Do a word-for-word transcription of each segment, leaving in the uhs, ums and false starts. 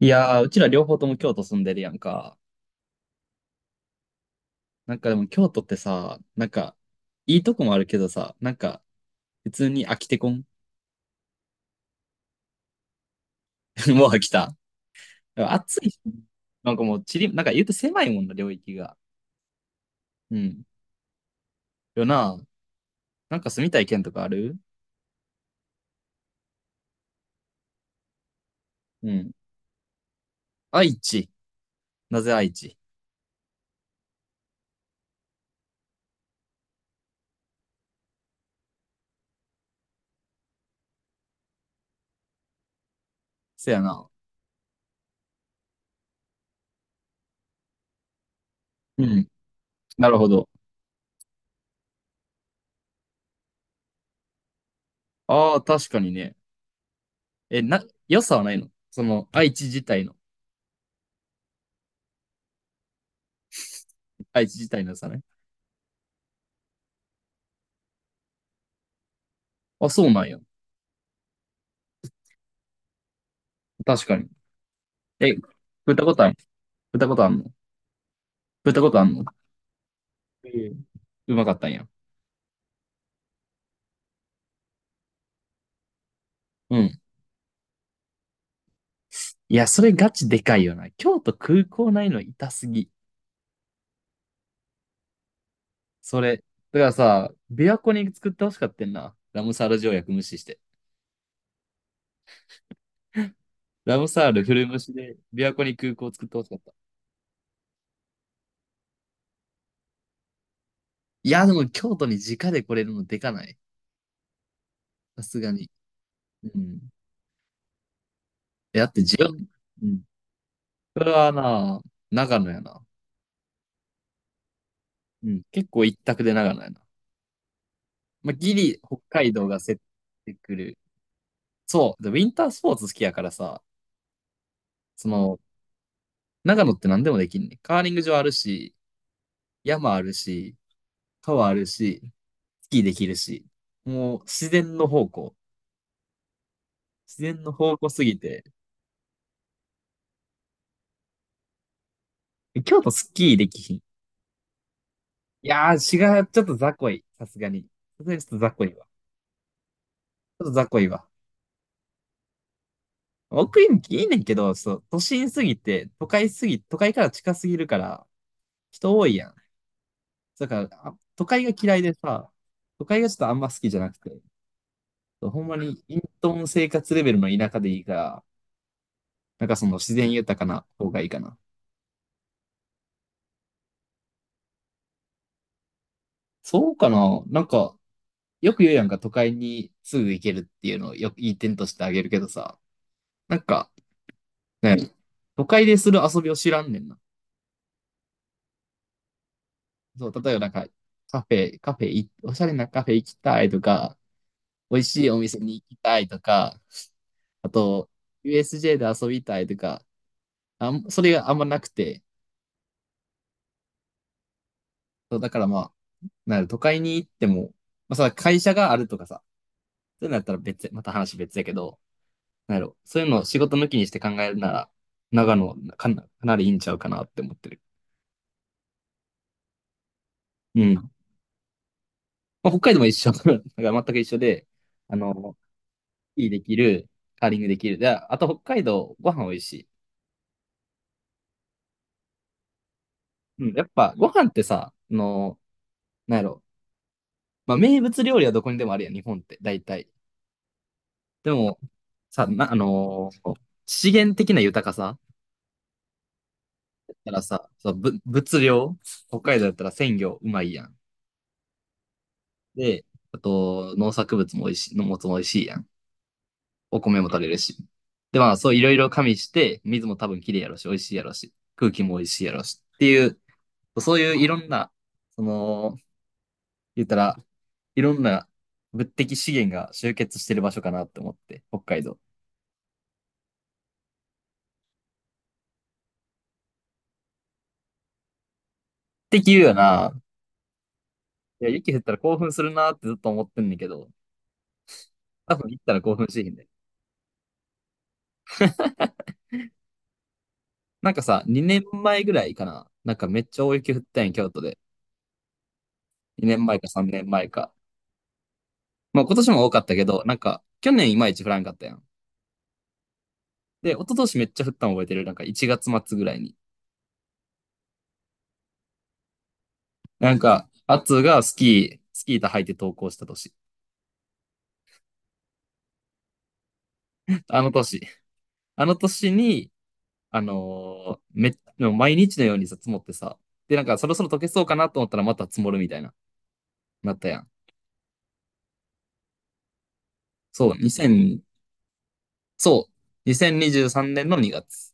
いやー、うちら両方とも京都住んでるやんか。なんかでも京都ってさ、なんか、いいとこもあるけどさ、なんか、普通に飽きてこん？ もう飽きた。でも暑いし。なんかもう、ちり、なんか言うと狭いもんな、領域が。うん。よな。なんか住みたい県とかある？うん。愛知。なぜ愛知？せやな。うん。なるほど。ああ、確かにね。え、な、良さはないの、その、愛知自体の。愛知自体の良さね。あ、そうなんや。確かに。え、食ったことある？食ったことあるの？食ったことあんの？うん。うまかったんや。うん。いや、それガチでかいよな。京都空港ないの痛すぎ。それ。だからさ、琵琶湖に作ってほしかったんな。ラムサール条約無視して。ラムサール古虫で琵琶湖に空港作ってほしかった。いや、でも京都に直で来れるのでかない？さすがに。うん。えだって自分、うん。それはな、長野やな。うん。結構一択で長野やな。まあ、ギリ北海道が競ってくる。そう。でウィンタースポーツ好きやからさ、その、長野って何でもできんね。カーリング場あるし、山あるし、川あるし、スキーできるし。もう自然の方向。自然の方向すぎて。京都スキーできひん。いやー、違う。ちょっと雑魚い。さすがに。さすがにちょっと雑魚いわ。ちょっと雑魚いわ。奥行きいいねんけど、そう、都心すぎて、都会すぎ、都会から近すぎるから、人多いやん。だから、あ都会が嫌いでさ、都会がちょっとあんま好きじゃなくて、そうほんまに、隠遁生活レベルの田舎でいいから、なんかその自然豊かな方がいいかな。そうかな、なんか、よく言うやんか、都会にすぐ行けるっていうのをよくいい点としてあげるけどさ、なんか、ね、都会でする遊びを知らんねんな。そう、例えばなんか、カフェ、カフェい、おしゃれなカフェ行きたいとか、美味しいお店に行きたいとか、あと、ユーエスジェー で遊びたいとか、あん、それがあんまなくて、そう、だからまあ、なんやろ都会に行っても、まあさ、会社があるとかさ、そういうのやったら別、また話別やけど、なんやろ。そういうのを仕事抜きにして考えるなら、長野かな、かなりいいんちゃうかなって思ってる。うん。まあ、北海道も一緒。だから 全く一緒で、あの、いいできる、カーリングできる。で、あと北海道、ご飯美味しい。うん。やっぱ、ご飯ってさ、あの、なんやろ。まあ、名物料理はどこにでもあるやん、日本って、大体。でも、さ、な、あのー資源的な豊かさ。だからさ、そう、ぶ、物量、北海道だったら鮮魚うまいやん。で、あと、農作物も美味しい、農物も美味しいやん。お米も取れるし。で、まあ、そういろいろ加味して、水も多分きれいやろし、美味しいやろし、空気も美味しいやろしっていう、そういういろんな、その、言ったら、いろんな物的資源が集結してる場所かなって思って、北海道。って言うよな。いや、雪降ったら興奮するなってずっと思ってんねんけど、多分行ったら興奮しへんで。なんかさ、にねんまえぐらいかな。なんかめっちゃ大雪降ったんや、京都で。にねんまえかさんねんまえか。まあ今年も多かったけど、なんか去年いまいち降らんかったやん。で、一昨年めっちゃ降ったの覚えてる。なんかいちがつ末ぐらいに。なんか、アツがスキー、スキー板履いて登校した年。あの年。あの年に、あのーめも毎日のようにさ、積もってさ。で、なんかそろそろ溶けそうかなと思ったらまた積もるみたいな、なったやん。そう、にせん、そう、にせんにじゅうさんねんのにがつ。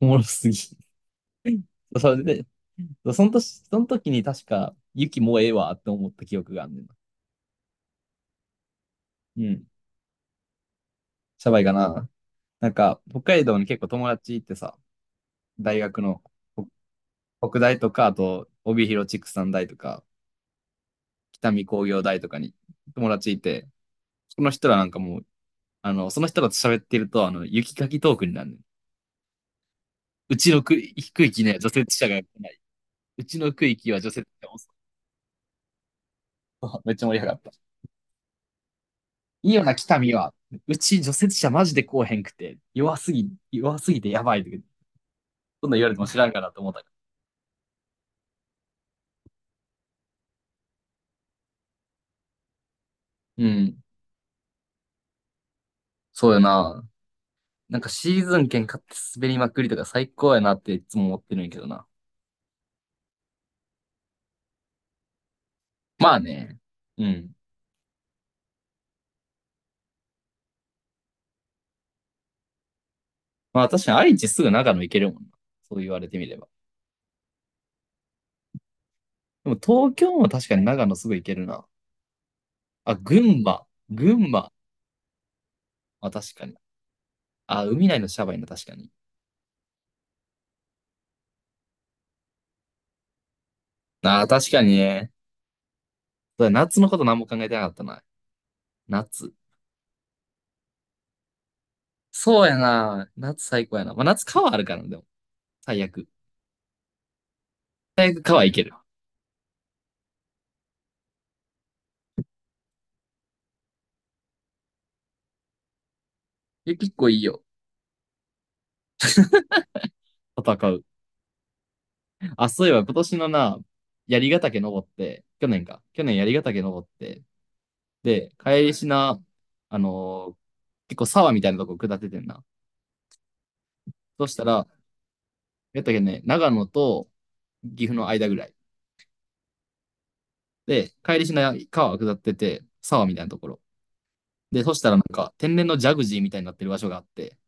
おもろすぎ。それで、その年、その時に確か、雪もうええわって思った記憶があんねんな。うん。シャバいかな。なんか、北海道に結構友達ってさ、大学の、北大とか、あと帯広畜産大とか、北見工業大とかに友達いて、その人らなんかもう、あの、その人らと喋ってると、あの、雪かきトークになるねん。うちの区域ね、除雪車が来ない。うちの区域は除雪車多そう。 めっちゃ盛り上がった。いいよな、北見は。うち除雪車マジで来おへんくて、弱すぎ、弱すぎてやばいとか、そんなん言われても知らんからと思ったけど、うん、そうやな。なんかシーズン券買って滑りまくりとか最高やなっていつも思ってるんやけどな。まあね。うん。まあ確かに愛知すぐ長野行けるもんな。そう言われてみれば。でも東京も確かに長野すぐ行けるな。あ、群馬。群馬。まあ、確かに。あ、海内のシャバいな、確かに。あ、確かにね。そうだ、夏のこと何も考えてなかったな。夏。そうやな。夏最高やな。まあ夏川あるからな、でも。最悪。最悪川行ける。え、結構いいよ。戦う。あ、そういえば今年のな、槍ヶ岳登って、去年か。去年槍ヶ岳登って、で、帰りしな、あのー結構沢みたいなとこ下っててんな。そしたら、やったっけね、長野と岐阜の間ぐらい。で、帰りしな川下ってて、沢みたいなところ。で、そしたらなんか、天然のジャグジーみたいになってる場所があって、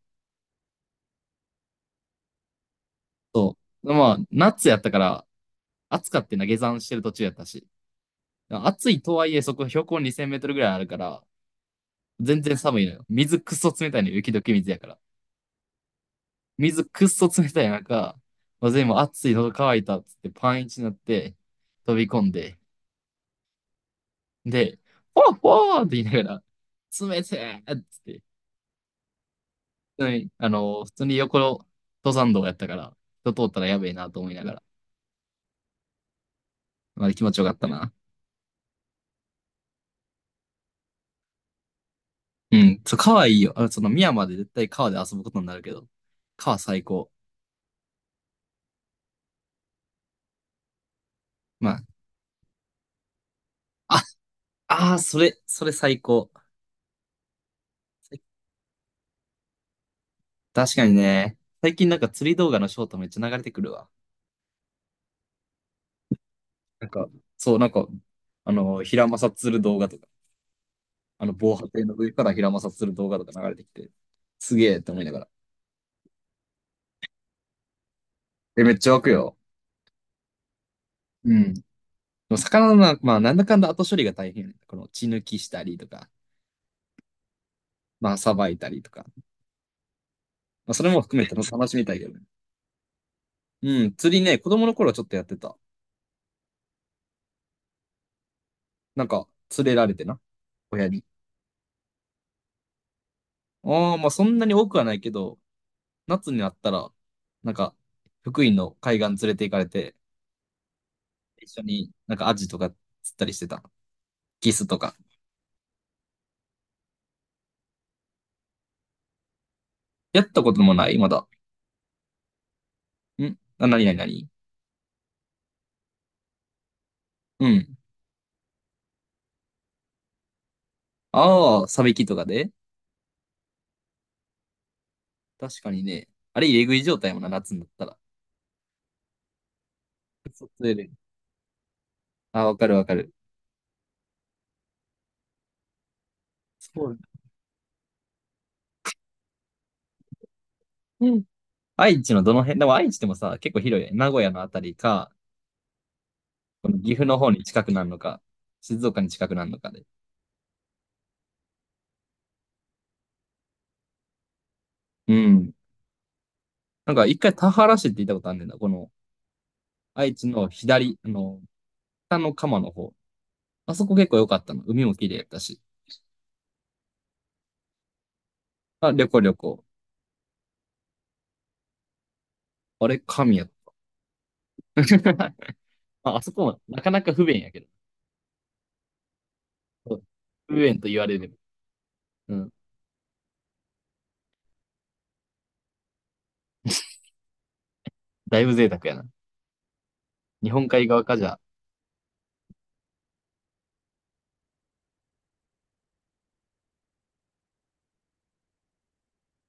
そう。まあ、夏やったから、暑かってな、下山してる途中やったし。暑いとはいえ、そこ標高にせんメートルぐらいあるから、全然寒いのよ。水くっそ冷たいのよ、雪解け水やから。水くっそ冷たい中、まあ、全部熱い、喉乾いたっつってパンイチになって飛び込んで、で、ほーほーって言いながら、冷てーっつって、普通に、あの、普通に横の登山道やったから、人通ったらやべえなと思いながら、まあ、気持ちよかったな。うん、そう、川いいよ。あのその、宮まで絶対川で遊ぶことになるけど、川最高。まあ、あ、あーそれ、それ最高。確かにね、最近なんか釣り動画のショートめっちゃ流れてくるわ。なんか、そう、なんか、あの、平正する動画とか、あの、防波堤の上から平正する動画とか流れてきて、すげえって思いながら。え、めっちゃ湧くよ。うん。でも魚のな、まあ、なんだかんだ後処理が大変やね。この血抜きしたりとか、まあ、さばいたりとか。まあ、それも含めての楽しみたいけどね。うん、釣りね、子供の頃はちょっとやってた。なんか、釣れられてな、親に。ああ、まあ、そんなに多くはないけど、夏になったら、なんか、福井の海岸連れて行かれて、一緒になんかアジとか釣ったりしてた。キスとか。やったこともないまだ。んあ、なになになに？うん。ああ、サビキとかで？確かにね。あれ、入れ食い状態もな、夏になったら。そう釣れる。あ、わかるわかる。そう。うん。愛知のどの辺、でも愛知でもさ、結構広いね。名古屋のあたりか、この岐阜の方に近くなるのか、静岡に近くなるのかで。うん。なんか一回田原市って言ったことあるんだよな。この愛知の左、あの、北の鎌の方。あそこ結構良かったの。海も綺麗やったし。あ、旅行旅行。あれ、神や。まあ、あそこもなかなか不便やけど。そう、不便と言われれば。うん。だいぶ贅沢やな。日本海側かじゃあ、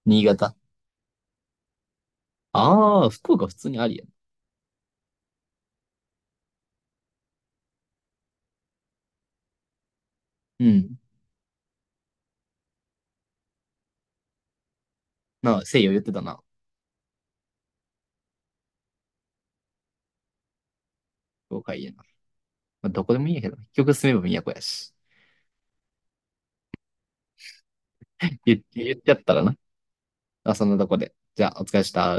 新潟。ああ、福岡普通にありやな。うん。なあ、西洋言ってたな。福岡いいやな。まあ、どこでもいいやけど、結局住めば都やし。言、言っちゃったらな。あ、そんなとこで。じゃあ、お疲れした。